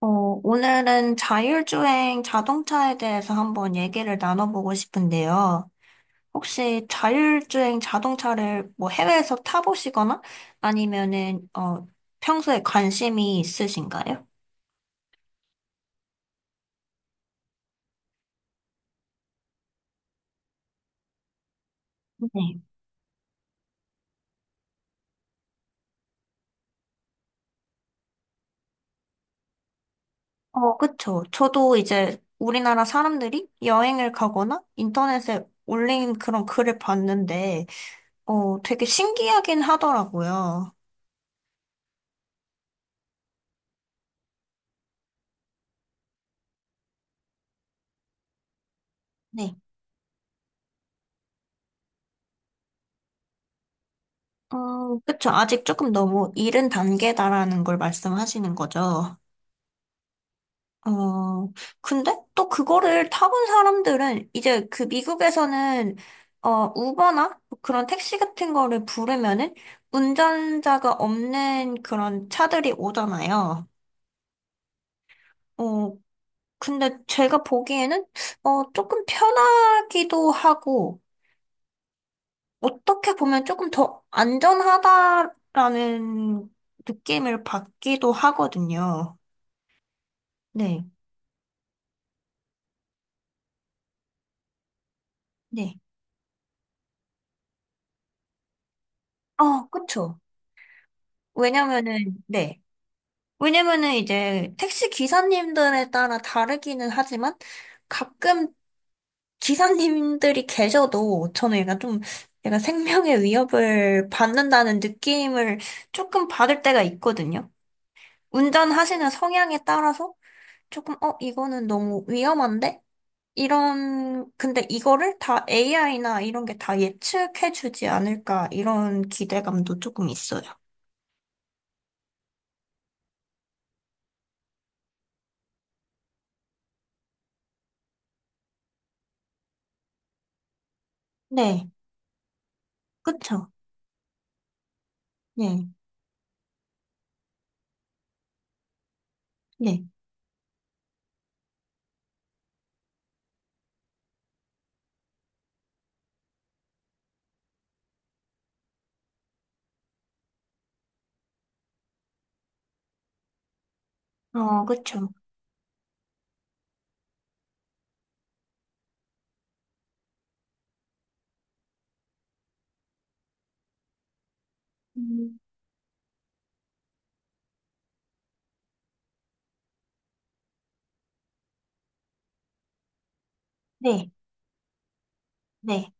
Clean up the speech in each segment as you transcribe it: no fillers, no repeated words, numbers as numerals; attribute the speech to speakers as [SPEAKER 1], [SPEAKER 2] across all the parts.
[SPEAKER 1] 어, 오늘은 자율주행 자동차에 대해서 한번 얘기를 나눠보고 싶은데요. 혹시 자율주행 자동차를 뭐 해외에서 타보시거나 아니면은, 평소에 관심이 있으신가요? 네. 어, 그쵸. 저도 이제 우리나라 사람들이 여행을 가거나 인터넷에 올린 그런 글을 봤는데, 되게 신기하긴 하더라고요. 네. 그쵸. 아직 조금 너무 이른 단계다라는 걸 말씀하시는 거죠. 어, 근데 또 그거를 타본 사람들은 이제 그 미국에서는 우버나 뭐 그런 택시 같은 거를 부르면은 운전자가 없는 그런 차들이 오잖아요. 어, 근데 제가 보기에는 조금 편하기도 하고 어떻게 보면 조금 더 안전하다라는 느낌을 받기도 하거든요. 네, 네. 어, 그쵸. 왜냐면은, 네. 왜냐면은 이제 택시 기사님들에 따라 다르기는 하지만 가끔 기사님들이 계셔도 저는 약간 좀 약간 생명의 위협을 받는다는 느낌을 조금 받을 때가 있거든요. 운전하시는 성향에 따라서 조금 이거는 너무 위험한데? 이런 근데 이거를 다 AI나 이런 게 다 예측해 주지 않을까 이런 기대감도 조금 있어요. 네. 그쵸. 네. 네. 어, 그쵸. 음. 네, 네,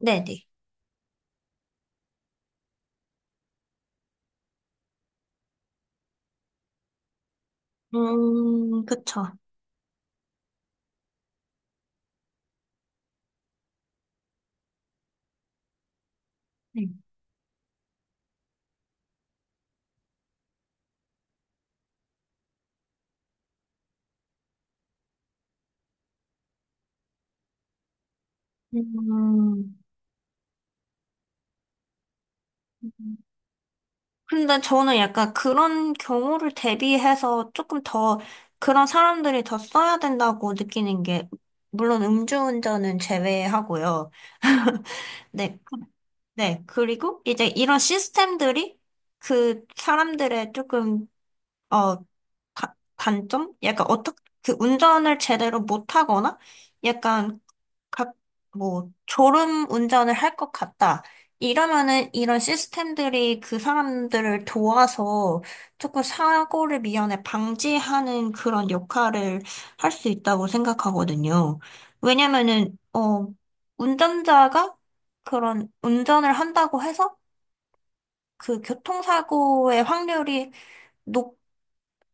[SPEAKER 1] 네, 네. 그쵸. 네. 음, 근데 저는 약간 그런 경우를 대비해서 조금 더 그런 사람들이 더 써야 된다고 느끼는 게, 물론 음주운전은 제외하고요. 네, 네. 그리고 이제 이런 시스템들이 그 사람들의 조금, 어, 단점? 약간 어떻게 그 운전을 제대로 못하거나 약간 각 뭐 졸음 운전을 할 것 같다. 이러면은 이런 시스템들이 그 사람들을 도와서 조금 사고를 미연에 방지하는 그런 역할을 할 수 있다고 생각하거든요. 왜냐면은 운전자가 그런 운전을 한다고 해서 그 교통사고의 확률이 높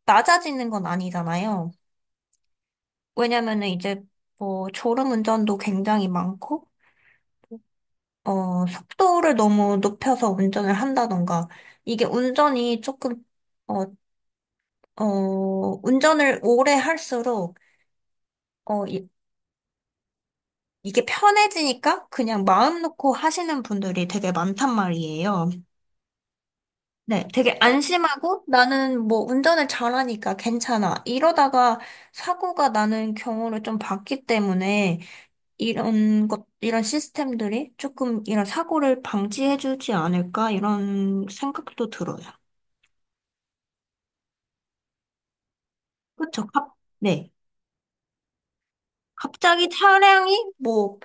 [SPEAKER 1] 낮아지는 건 아니잖아요. 왜냐면은 이제 뭐 졸음운전도 굉장히 많고, 속도를 너무 높여서 운전을 한다던가, 이게 운전이 조금, 어, 어, 운전을 오래 할수록, 어, 이, 이게 편해지니까 그냥 마음 놓고 하시는 분들이 되게 많단 말이에요. 네, 되게 안심하고 나는 뭐 운전을 잘하니까 괜찮아. 이러다가 사고가 나는 경우를 좀 봤기 때문에, 이런 시스템들이 조금 이런 사고를 방지해주지 않을까, 이런 생각도 들어요. 그쵸? 네. 갑자기 차량이 뭐,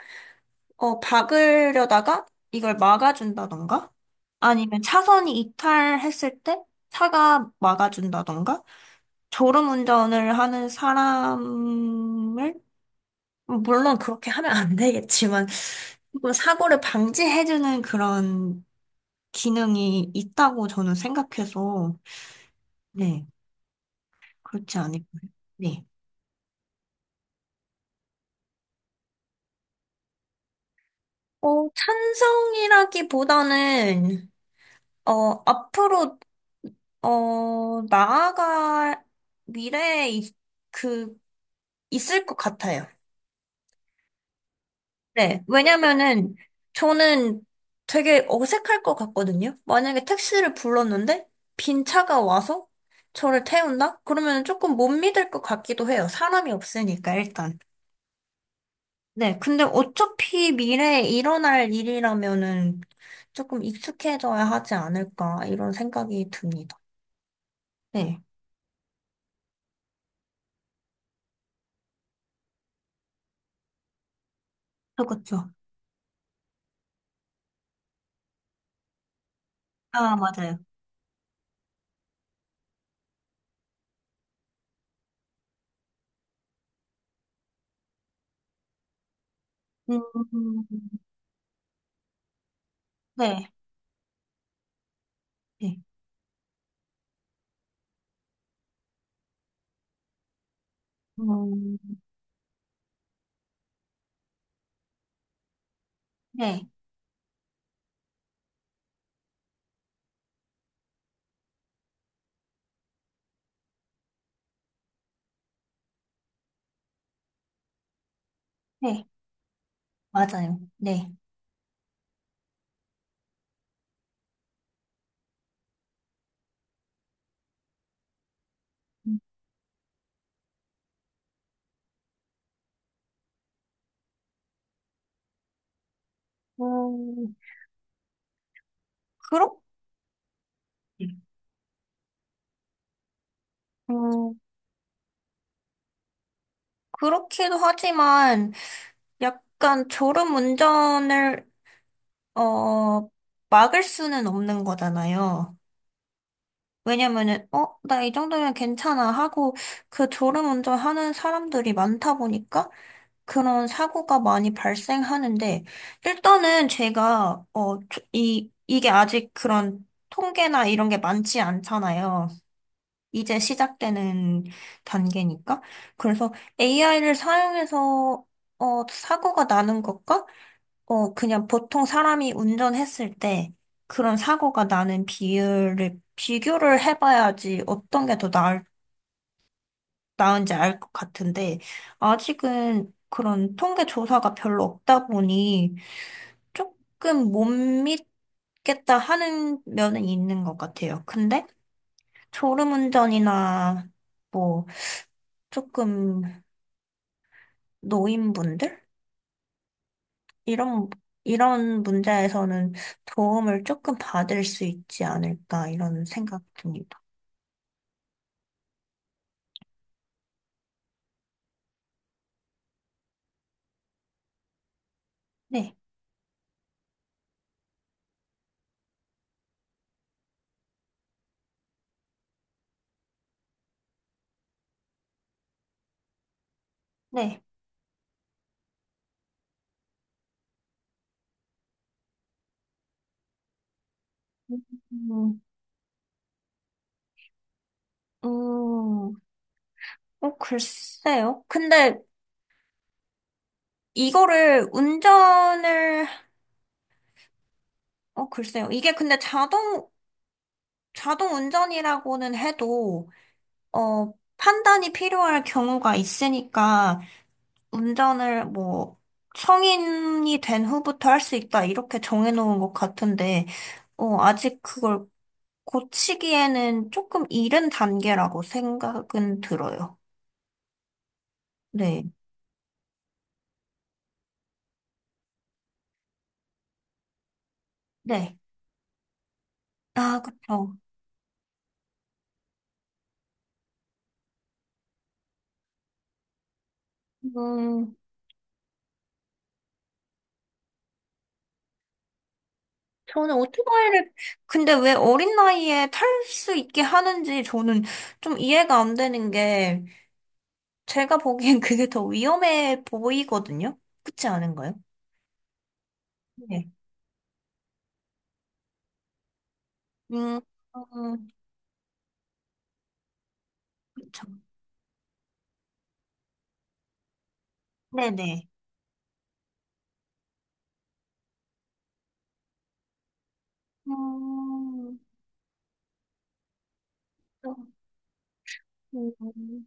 [SPEAKER 1] 박으려다가 이걸 막아준다던가, 아니면 차선이 이탈했을 때 차가 막아준다던가, 졸음운전을 하는 사람을, 물론 그렇게 하면 안 되겠지만, 뭐 사고를 방지해주는 그런 기능이 있다고 저는 생각해서, 네, 그렇지 않을까요? 네. 어, 찬성이라기보다는, 어, 앞으로 나아갈 미래에 그, 있을 것 같아요. 네. 왜냐면은 저는 되게 어색할 것 같거든요. 만약에 택시를 불렀는데 빈 차가 와서 저를 태운다? 그러면 조금 못 믿을 것 같기도 해요. 사람이 없으니까 일단. 네. 근데 어차피 미래에 일어날 일이라면은 조금 익숙해져야 하지 않을까 이런 생각이 듭니다. 네. 그렇죠. 아, 맞아요. 음, 네. 네. 음, 네. 네. 맞아요. 네. 음, 그렇 음, 그렇기도 하지만 약간 졸음 운전을 어 막을 수는 없는 거잖아요. 왜냐면은 어, 나 이 정도면 괜찮아 하고 그 졸음 운전하는 사람들이 많다 보니까 그런 사고가 많이 발생하는데 일단은 제가 어 조- 이 이게 아직 그런 통계나 이런 게 많지 않잖아요. 이제 시작되는 단계니까. 그래서 AI를 사용해서 사고가 나는 것과 그냥 보통 사람이 운전했을 때 그런 사고가 나는 비율을 비교를 해봐야지 어떤 게 더 나을, 나은지 알 것 같은데 아직은 그런 통계 조사가 별로 없다 보니 조금 못 믿겠다 하는 면은 있는 것 같아요. 근데 졸음운전이나 뭐 조금 노인분들? 이런, 이런 문제에서는 도움을 조금 받을 수 있지 않을까, 이런 생각 듭니다. 네, 네. 음, 음, 어, 글쎄요. 근데 이거를 운전을, 어, 글쎄요. 이게 근데 자동, 자동 운전이라고는 해도, 판단이 필요할 경우가 있으니까, 운전을 뭐 성인이 된 후부터 할 수 있다 이렇게 정해놓은 것 같은데 아직 그걸 고치기에는 조금 이른 단계라고 생각은 들어요. 네, 네. 아, 그쵸. 음, 저는 오토바이를 근데 왜 어린 나이에 탈 수 있게 하는지 저는 좀 이해가 안 되는 게 제가 보기엔 그게 더 위험해 보이거든요. 그렇지 않은가요? 네. 음, 음, 그쵸. 네네. 음, 음,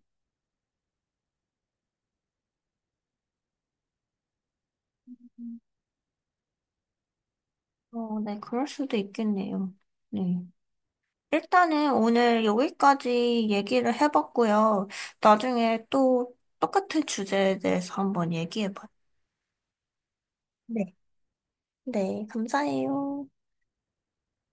[SPEAKER 1] 어, 네, 그럴 수도 있겠네요. 네. 일단은 오늘 여기까지 얘기를 해봤고요. 나중에 또 똑같은 주제에 대해서 한번 얘기해봐요. 네. 네, 감사해요.